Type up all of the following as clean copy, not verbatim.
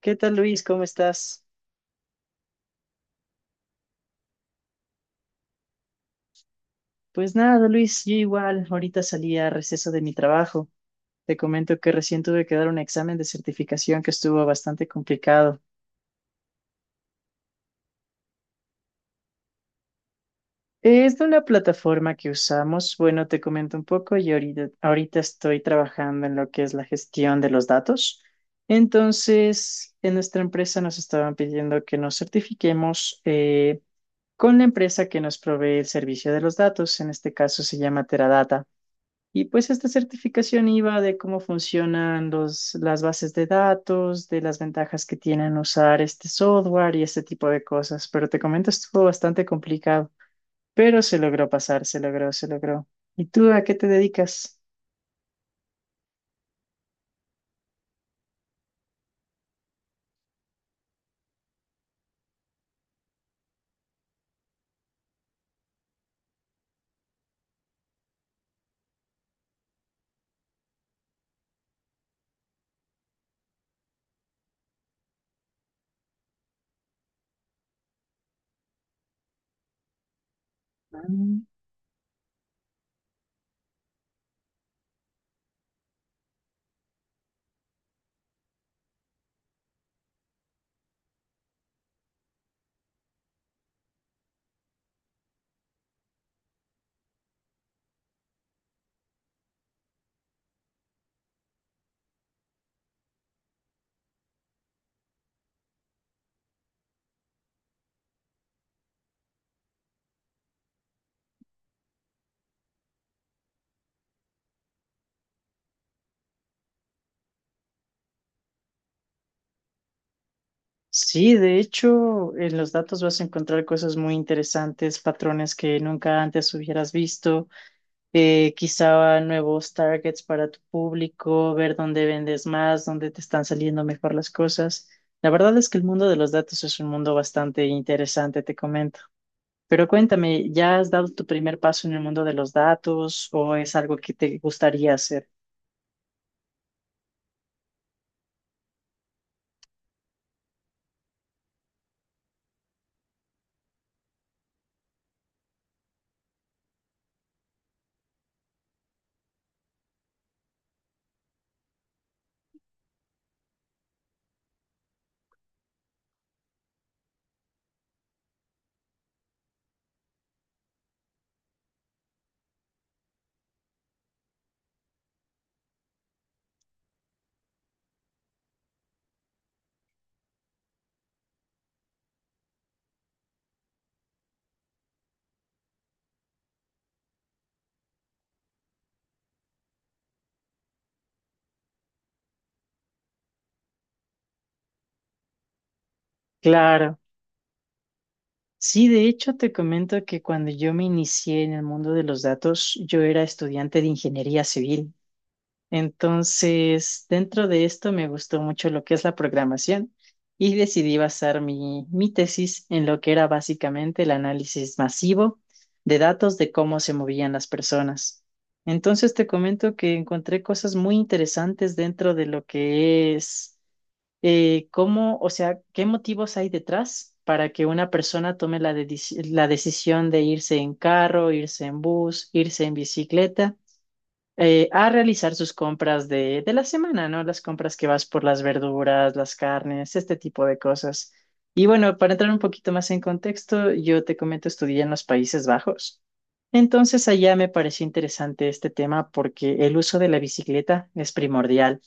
¿Qué tal, Luis? ¿Cómo estás? Pues nada, Luis, yo igual. Ahorita salí a receso de mi trabajo. Te comento que recién tuve que dar un examen de certificación que estuvo bastante complicado. Es de una plataforma que usamos. Bueno, te comento un poco y ahorita estoy trabajando en lo que es la gestión de los datos. Entonces, en nuestra empresa nos estaban pidiendo que nos certifiquemos con la empresa que nos provee el servicio de los datos. En este caso se llama Teradata. Y pues esta certificación iba de cómo funcionan las bases de datos, de las ventajas que tienen usar este software y este tipo de cosas. Pero te comento, estuvo bastante complicado, pero se logró pasar, se logró, se logró. ¿Y tú a qué te dedicas? Mm. Sí, de hecho, en los datos vas a encontrar cosas muy interesantes, patrones que nunca antes hubieras visto. Quizá nuevos targets para tu público, ver dónde vendes más, dónde te están saliendo mejor las cosas. La verdad es que el mundo de los datos es un mundo bastante interesante, te comento. Pero cuéntame, ¿ya has dado tu primer paso en el mundo de los datos o es algo que te gustaría hacer? Claro. Sí, de hecho te comento que cuando yo me inicié en el mundo de los datos, yo era estudiante de ingeniería civil. Entonces, dentro de esto me gustó mucho lo que es la programación y decidí basar mi tesis en lo que era básicamente el análisis masivo de datos de cómo se movían las personas. Entonces, te comento que encontré cosas muy interesantes dentro de lo que es cómo, o sea, qué motivos hay detrás para que una persona tome la decisión de irse en carro, irse en bus, irse en bicicleta a realizar sus compras de la semana, ¿no? Las compras que vas por las verduras, las carnes, este tipo de cosas. Y bueno, para entrar un poquito más en contexto, yo te comento, estudié en los Países Bajos. Entonces allá me pareció interesante este tema porque el uso de la bicicleta es primordial.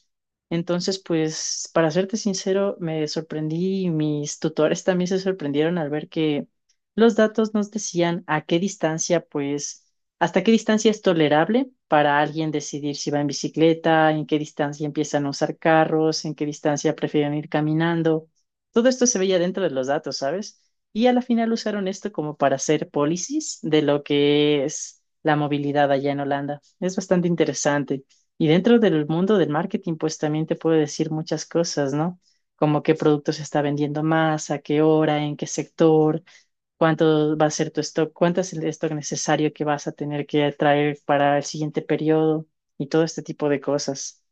Entonces, pues, para serte sincero, me sorprendí y mis tutores también se sorprendieron al ver que los datos nos decían a qué distancia, pues, ¿hasta qué distancia es tolerable para alguien decidir si va en bicicleta, en qué distancia empiezan a usar carros, en qué distancia prefieren ir caminando? Todo esto se veía dentro de los datos, ¿sabes? Y a la final usaron esto como para hacer policies de lo que es la movilidad allá en Holanda. Es bastante interesante. Y dentro del mundo del marketing, pues también te puede decir muchas cosas, ¿no? Como qué producto se está vendiendo más, a qué hora, en qué sector, cuánto va a ser tu stock, cuánto es el stock necesario que vas a tener que traer para el siguiente periodo y todo este tipo de cosas.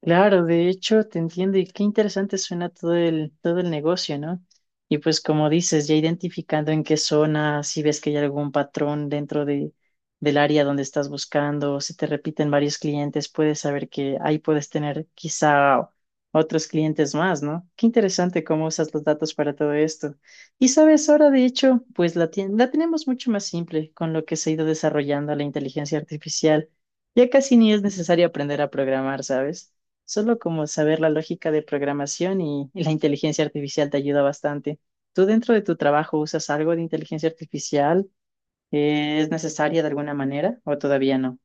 Claro, de hecho, te entiendo y qué interesante suena todo el negocio, ¿no? Y pues como dices, ya identificando en qué zona, si ves que hay algún patrón del área donde estás buscando, si te repiten varios clientes, puedes saber que ahí puedes tener quizá otros clientes más, ¿no? Qué interesante cómo usas los datos para todo esto. Y sabes, ahora de hecho, pues la tenemos mucho más simple con lo que se ha ido desarrollando la inteligencia artificial. Ya casi ni es necesario aprender a programar, ¿sabes? Solo como saber la lógica de programación y la inteligencia artificial te ayuda bastante. ¿Tú dentro de tu trabajo usas algo de inteligencia artificial? ¿Es necesaria de alguna manera o todavía no?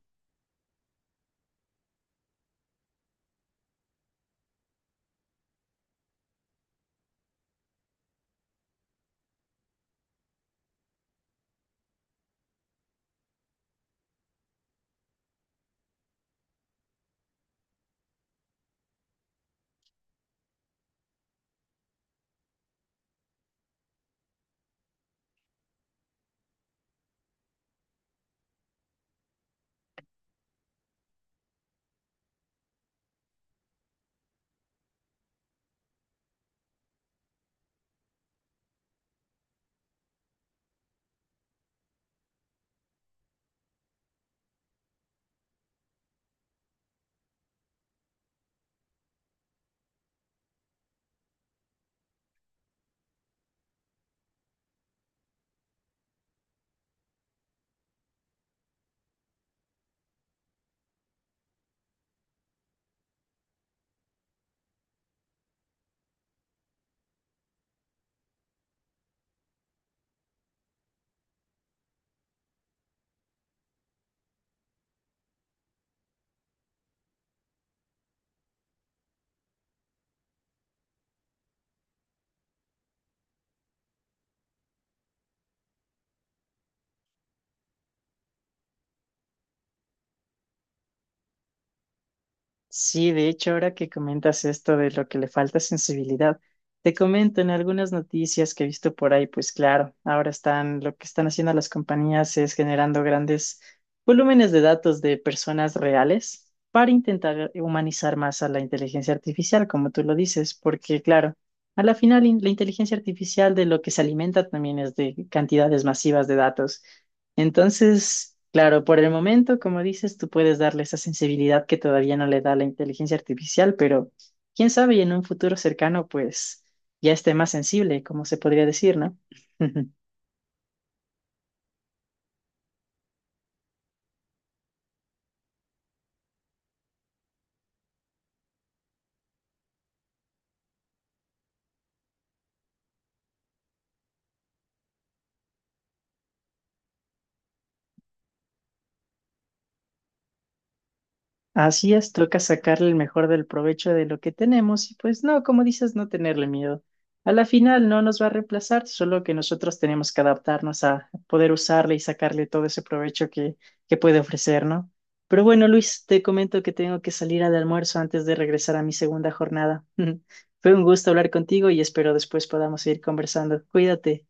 Sí, de hecho, ahora que comentas esto de lo que le falta sensibilidad, te comento en algunas noticias que he visto por ahí, pues claro, ahora están, lo que están haciendo las compañías es generando grandes volúmenes de datos de personas reales para intentar humanizar más a la inteligencia artificial, como tú lo dices, porque claro, a la final la inteligencia artificial de lo que se alimenta también es de cantidades masivas de datos. Entonces, claro, por el momento, como dices, tú puedes darle esa sensibilidad que todavía no le da la inteligencia artificial, pero quién sabe, y en un futuro cercano, pues ya esté más sensible, como se podría decir, ¿no? Así es, toca sacarle el mejor del provecho de lo que tenemos y pues no, como dices, no tenerle miedo. A la final no nos va a reemplazar, solo que nosotros tenemos que adaptarnos a poder usarle y sacarle todo ese provecho que puede ofrecer, ¿no? Pero bueno, Luis, te comento que tengo que salir al almuerzo antes de regresar a mi segunda jornada. Fue un gusto hablar contigo y espero después podamos seguir conversando. Cuídate.